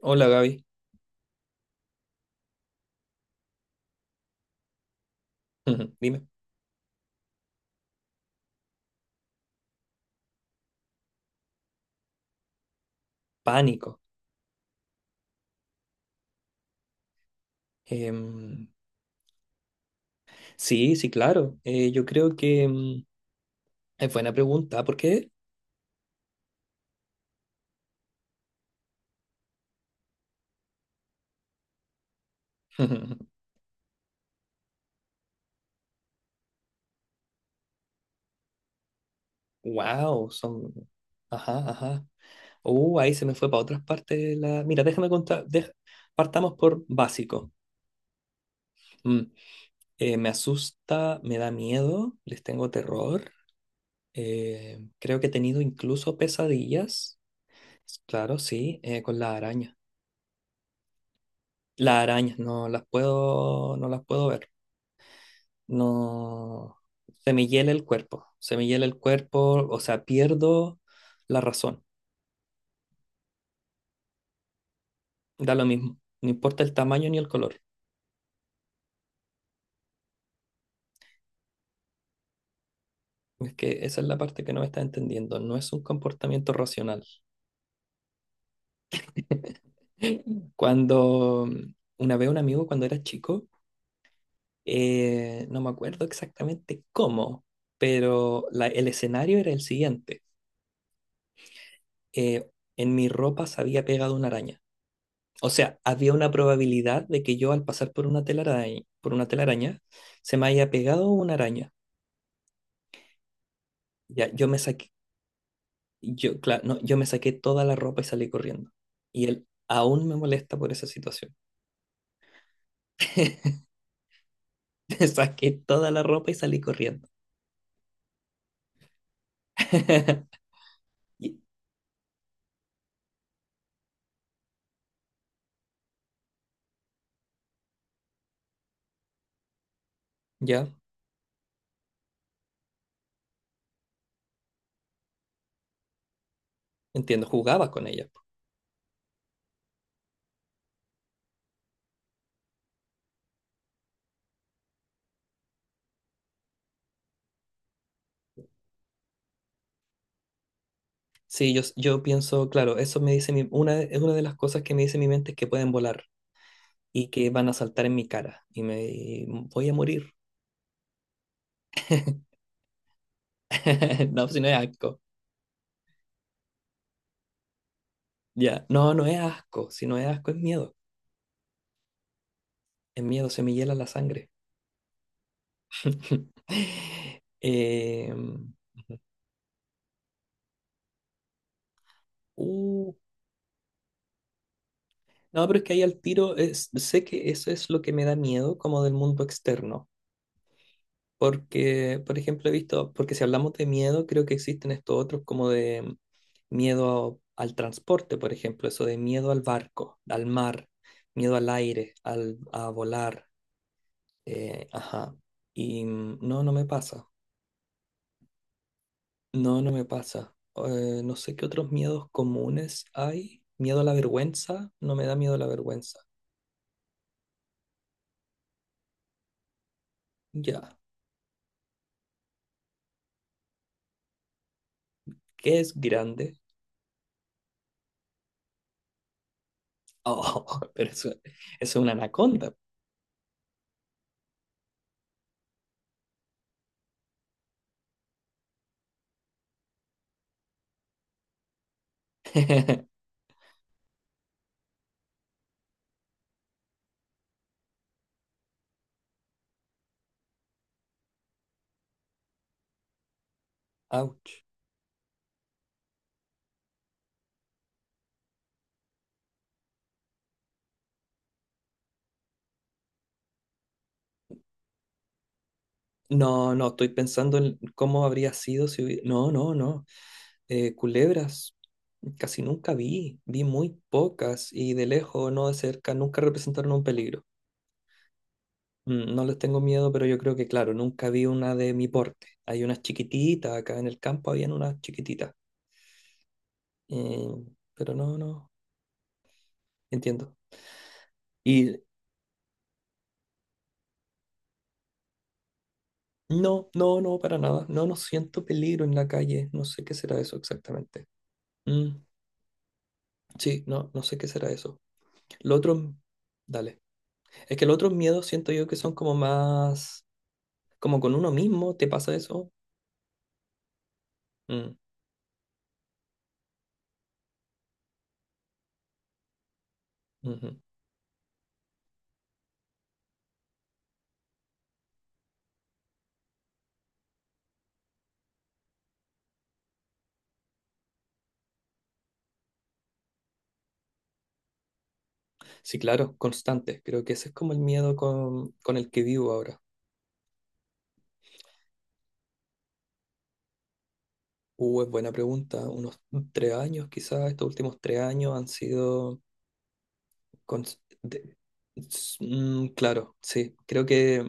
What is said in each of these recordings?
Hola Gaby, dime, pánico. Em, sí, sí, claro. Yo creo que es buena pregunta. ¿Por qué? Wow, son. Ajá, ajá. Ahí se me fue para otras partes. Mira, déjame contar. Partamos por básico. Mm, me asusta, me da miedo, les tengo terror. Eh, creo que he tenido incluso pesadillas. Claro, sí, con las arañas. Las arañas no las puedo ver. No, se me hiela el cuerpo, se me hiela el cuerpo, o sea, pierdo la razón, da lo mismo, no importa el tamaño ni el color. Es que esa es la parte que no me está entendiendo, no es un comportamiento racional. Cuando una vez un amigo, cuando era chico, no me acuerdo exactamente cómo, pero el escenario era el siguiente. Eh, en mi ropa se había pegado una araña. O sea, había una probabilidad de que yo al pasar por una telaraña, se me haya pegado una araña. Ya, yo, claro, no, yo me saqué toda la ropa y salí corriendo. Y él aún me molesta por esa situación. Me saqué toda la ropa y salí corriendo. Y- Ya, entiendo, jugaba con ella. Sí, yo pienso, claro, eso me dice es una de las cosas que me dice mi mente es que pueden volar y que van a saltar en mi cara y me voy a morir. No, si no es asco. Ya, no, no es asco, si no es asco es miedo, se me hiela la sangre. Em, uh, no, pero es que ahí al tiro, sé que eso es lo que me da miedo como del mundo externo, porque, por ejemplo, he visto, porque si hablamos de miedo, creo que existen estos otros como de miedo al transporte, por ejemplo, eso de miedo al barco, al mar, miedo al aire, a volar, ajá, y no, no me pasa. No, no me pasa. No sé qué otros miedos comunes hay. Miedo a la vergüenza. No me da miedo la vergüenza. Ya. ¿Qué es grande? Oh, pero eso es una anaconda. Ouch. No, no, estoy pensando en cómo habría sido si hubiera... No, no, no. Culebras casi nunca vi. Vi muy pocas y de lejos, no de cerca, nunca representaron un peligro. Mm, no les tengo miedo, pero yo creo que, claro, nunca vi una de mi porte. Hay unas chiquititas, acá en el campo habían unas chiquititas. Eh, pero no, no, entiendo. Y no, no, no, para nada. No, no siento peligro en la calle. No sé qué será eso exactamente. Mm, sí, no, no sé qué será eso. Lo otro, dale. Es que los otros miedos siento yo que son como más, como con uno mismo, ¿te pasa eso? Mm, ujú. Sí, claro, constante. Creo que ese es como el miedo con el que vivo ahora. Es buena pregunta. Unos 3 años, quizás estos últimos 3 años han sido... cons- de- claro, sí. Creo que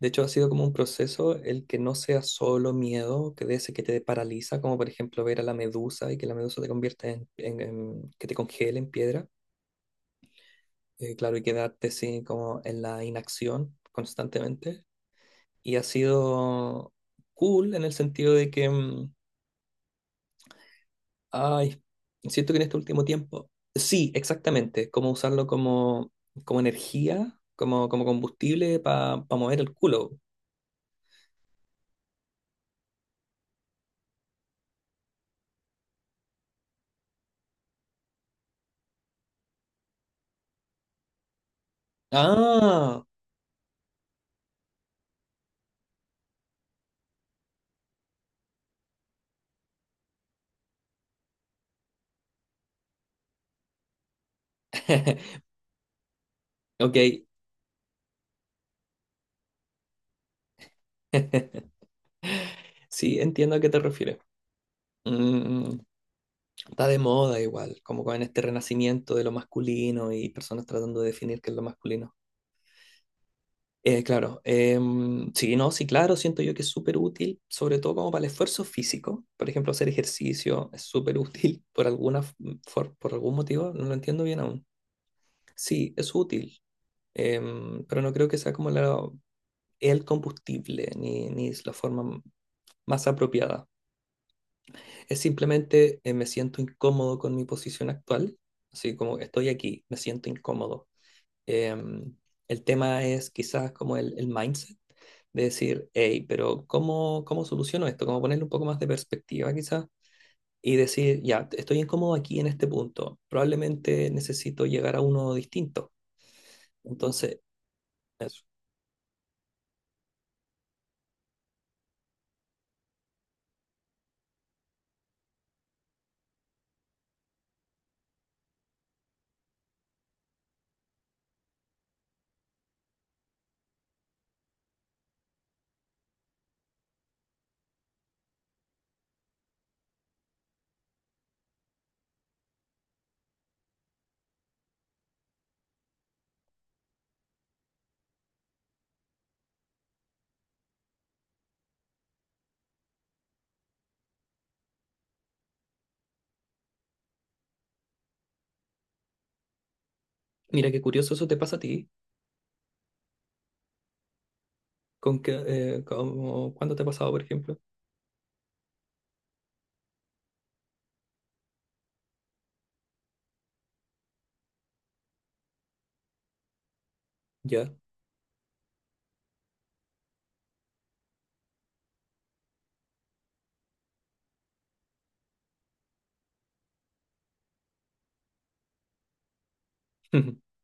de hecho ha sido como un proceso el que no sea solo miedo, que de ese que te paraliza, como por ejemplo ver a la medusa y que la medusa te convierta que te congele en piedra. Claro, y quedarte así como en la inacción constantemente. Y ha sido cool en el sentido de que... Ay, siento que en este último tiempo, sí, exactamente, como energía, como combustible para mover el culo. Ah, ok, sí, entiendo a qué te refieres. Mm, está de moda igual, como con este renacimiento de lo masculino y personas tratando de definir qué es lo masculino. Claro, sí, no, sí, claro, siento yo que es súper útil, sobre todo como para el esfuerzo físico. Por ejemplo, hacer ejercicio es súper útil por alguna, f- mm, for- por algún motivo, no lo entiendo bien aún. Sí, es útil, pero no creo que sea el combustible ni es la forma más apropiada. Es simplemente me siento incómodo con mi posición actual, así como estoy aquí, me siento incómodo. Em, el tema es quizás como el mindset de decir, hey, pero ¿cómo, cómo soluciono esto? Como ponerle un poco más de perspectiva quizás y decir, ya, estoy incómodo aquí en este punto, probablemente necesito llegar a uno distinto. Entonces, eso. Mira qué curioso eso te pasa a ti, con que, ¿cuándo te ha pasado, por ejemplo? Ya.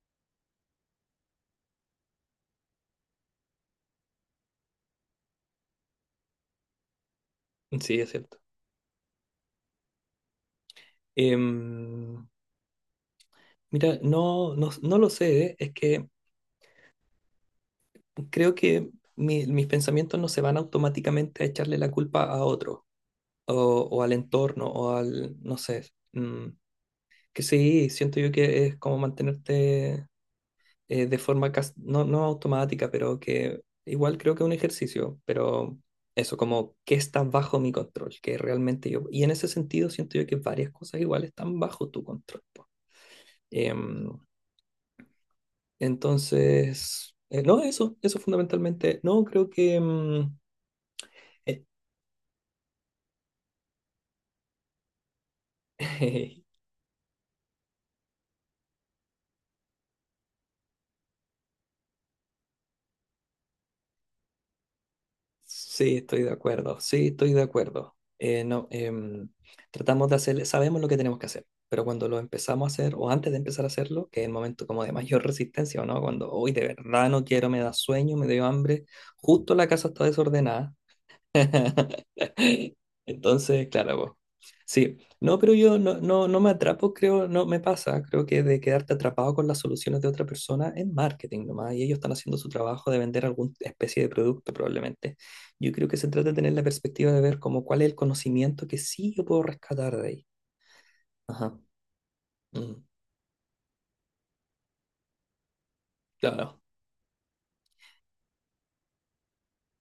Sí, es cierto. Em, mira, no, no, no lo sé, es que creo que mis pensamientos no se van automáticamente a echarle la culpa a otro o, o al entorno o al, no sé, mm, que sí, siento yo que es como mantenerte no, no automática, pero que igual creo que es un ejercicio, pero eso, como que está bajo mi control, que realmente yo, y en ese sentido siento yo que varias cosas igual están bajo tu control. Po. Em, entonces, no, eso fundamentalmente, no, creo que... eh, Sí, estoy de acuerdo, sí, estoy de acuerdo. No, tratamos de hacer, sabemos lo que tenemos que hacer, pero cuando lo empezamos a hacer, o antes de empezar a hacerlo, que es el momento como de mayor resistencia, ¿o no? Cuando hoy de verdad no quiero, me da sueño, me dio hambre, justo la casa está desordenada. Entonces, claro, po. Sí, no, pero yo no, no, no me atrapo, creo, no me pasa, creo que de quedarte atrapado con las soluciones de otra persona es marketing nomás, y ellos están haciendo su trabajo de vender alguna especie de producto probablemente. Yo creo que se trata de tener la perspectiva de ver como cuál es el conocimiento que sí yo puedo rescatar de ahí. Ajá. Mm, claro,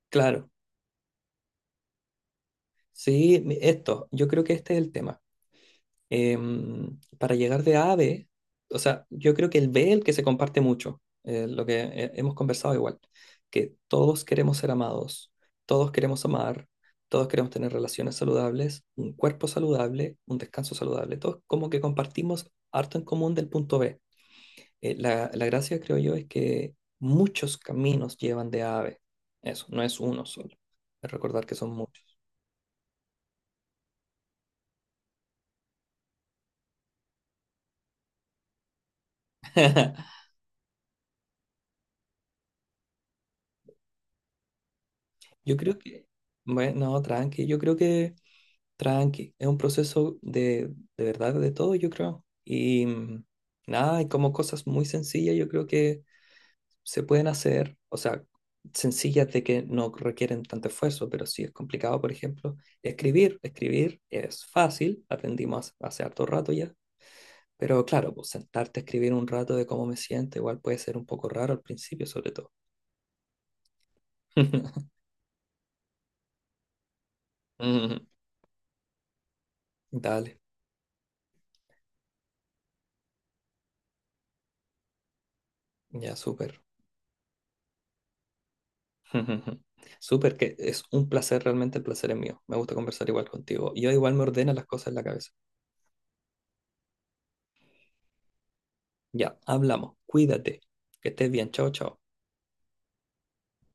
claro. Sí, esto, yo creo que este es el tema. Para llegar de A a B, o sea, yo creo que el B es el que se comparte mucho, lo que hemos conversado igual, que todos queremos ser amados, todos queremos amar, todos queremos tener relaciones saludables, un cuerpo saludable, un descanso saludable, todos como que compartimos harto en común del punto B. La gracia, creo yo, es que muchos caminos llevan de A a B. Eso, no es uno solo. Recordar que son muchos. Yo creo que, bueno, tranqui, yo creo que... Tranqui, es un proceso de verdad de todo, yo creo. Y nada, hay como cosas muy sencillas, yo creo que se pueden hacer, o sea, sencillas de que no requieren tanto esfuerzo, pero sí es complicado, por ejemplo, escribir. Escribir es fácil, aprendimos hace harto rato ya, pero claro, pues sentarte a escribir un rato de cómo me siento, igual puede ser un poco raro al principio, sobre todo. Mm, dale, ya súper. Ujú. Súper, que es un placer, realmente el placer es mío. Me gusta conversar igual contigo. Yo igual me ordena las cosas en la cabeza. Ya, hablamos. Cuídate. Que estés bien. Chao, chao.